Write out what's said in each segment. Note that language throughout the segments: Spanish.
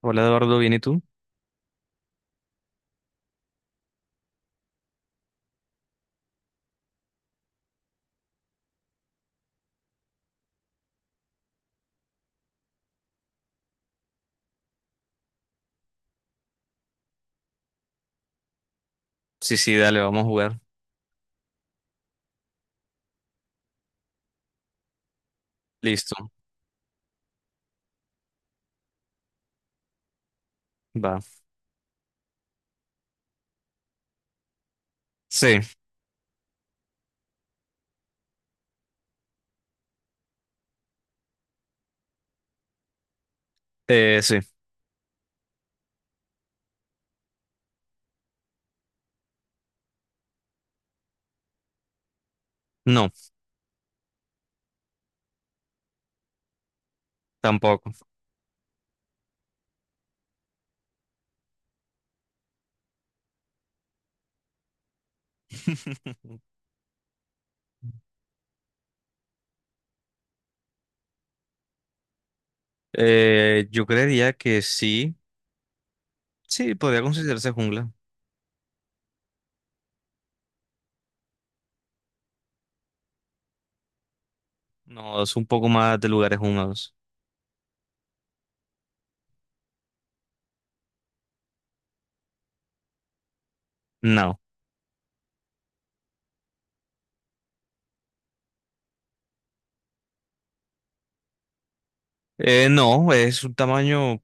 Hola Eduardo, ¿bien y tú? Sí, sí, dale, vamos a jugar. Listo, va. Sí, sí. No, tampoco. Yo creería que sí. Sí, podría considerarse jungla. No, es un poco más de lugares húmedos. No. No, es un tamaño,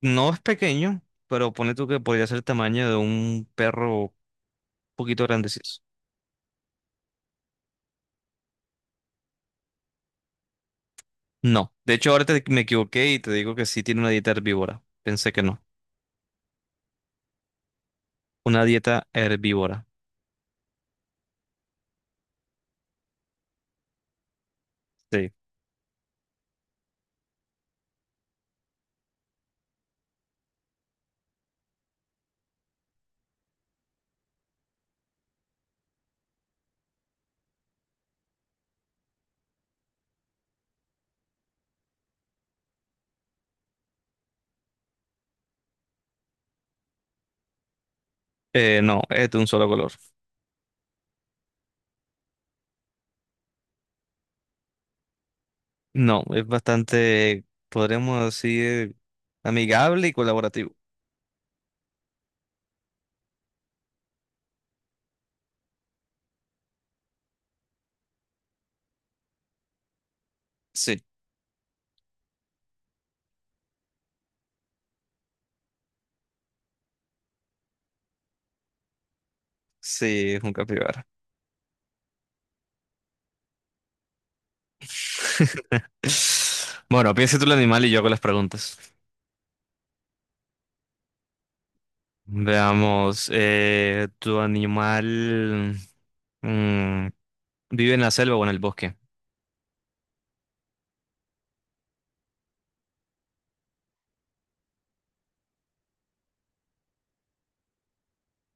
no es pequeño, pero pone tú que podría ser el tamaño de un perro un poquito grandecito. No. De hecho, ahora me equivoqué y te digo que sí tiene una dieta herbívora. Pensé que no. Una dieta herbívora. Sí. No, es de un solo color. No, es bastante, podríamos decir, amigable y colaborativo. Sí, sí, es un capibara. Bueno, piensa tú el animal y yo hago las preguntas. Veamos, ¿tu animal mm, vive en la selva o en el bosque?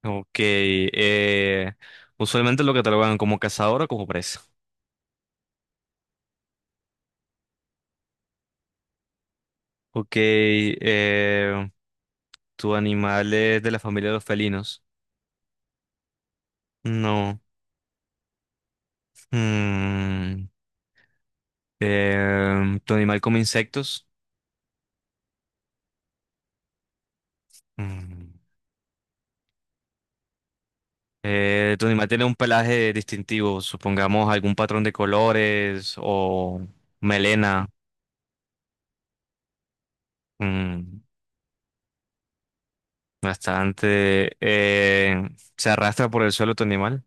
Ok, usualmente lo catalogan como cazador o como presa. Ok, ¿tu animal es de la familia de los felinos? No. Mm, ¿Tu animal come insectos? Mm. ¿Tu animal tiene un pelaje distintivo? Supongamos algún patrón de colores o melena. Mm, Bastante. ¿Se arrastra por el suelo tu animal?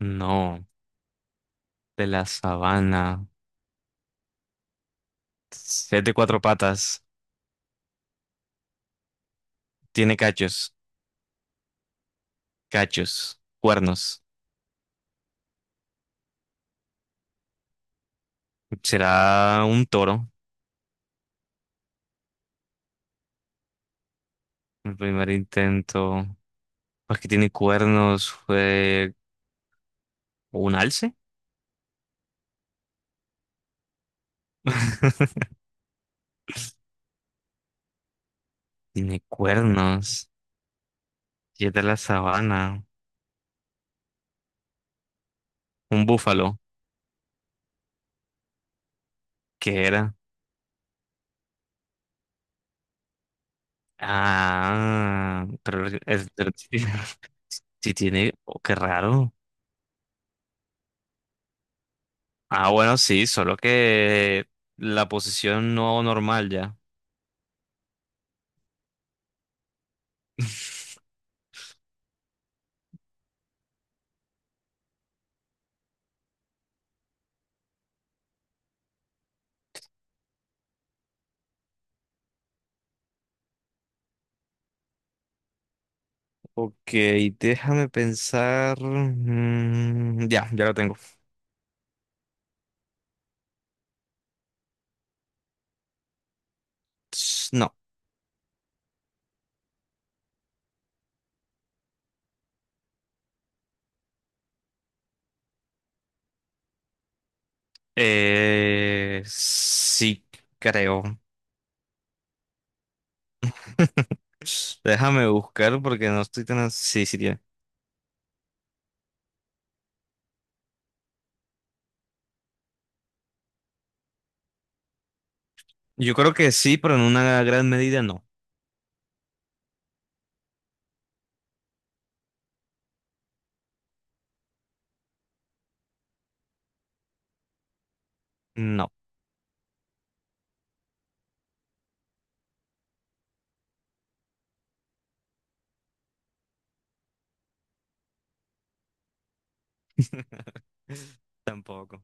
No. De la sabana. Es de cuatro patas. Tiene cachos. Cachos. Cuernos. ¿Será un toro? El primer intento. Pues que tiene cuernos, fue un alce. Tiene cuernos. Y es de la sabana. Un búfalo. ¿Qué era? Ah, pero es, pero sí sí tiene. Oh, qué raro. Ah, bueno, sí, solo que la posición no normal ya. Ok, déjame pensar. Ya, ya lo tengo. No. Sí, creo. Déjame buscar porque no estoy tan... Sí, sí, tiene. Yo creo que sí, pero en una gran medida no. No. Tampoco.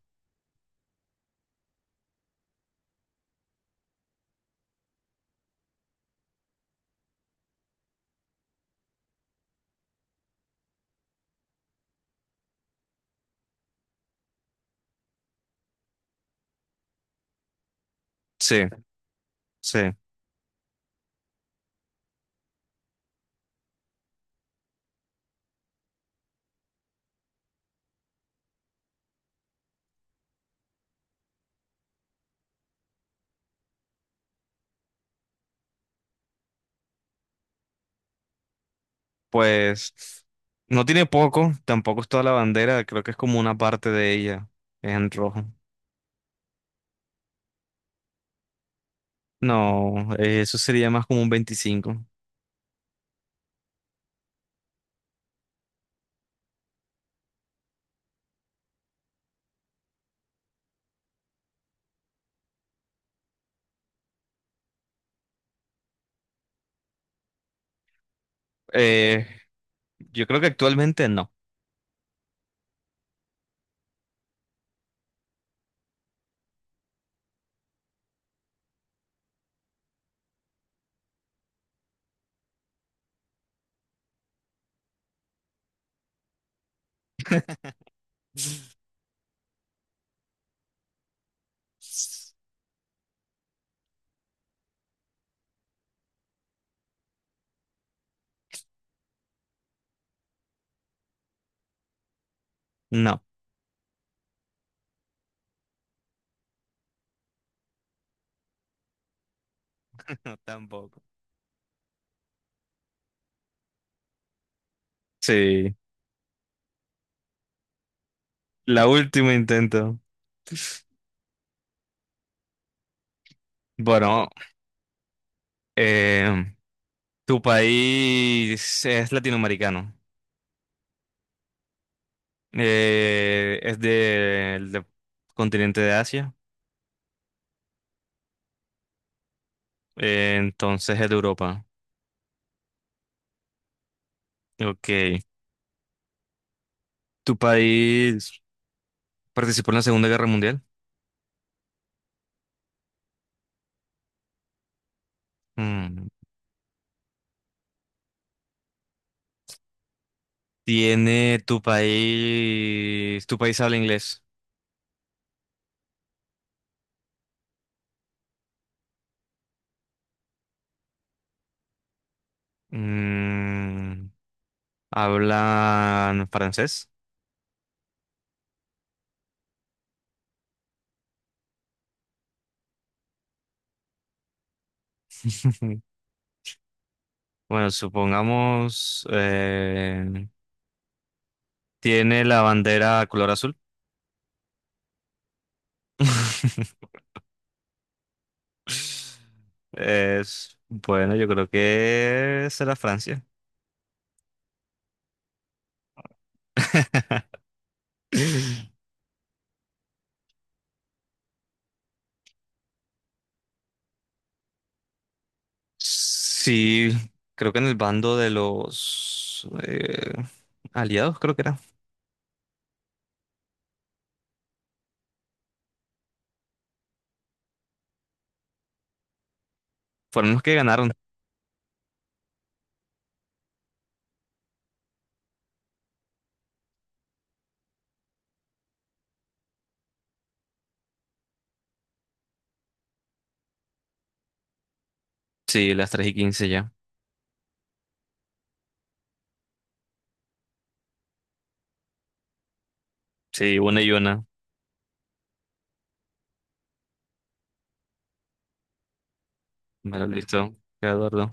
Sí, sí. Pues no tiene poco, tampoco es toda la bandera, creo que es como una parte de ella en rojo. No, eso sería más como un 25. Eh, yo creo que actualmente no. No, tampoco. Sí, la última intento. Bueno, Eh, tu país es latinoamericano. Es del continente de Asia. Entonces es de Europa. Ok. ¿Tu país participó en la Segunda Guerra Mundial? Mm. ¿Tu país habla inglés? Mm, ¿Hablan francés? Bueno, supongamos... ¿Tiene la bandera color azul? Es, bueno, yo creo que será Francia. Sí, creo que en el bando de los aliados, creo que era. Fueron los que ganaron. Sí, las 3:15 ya. Sí, 1-1. Bueno, listo. Eduardo.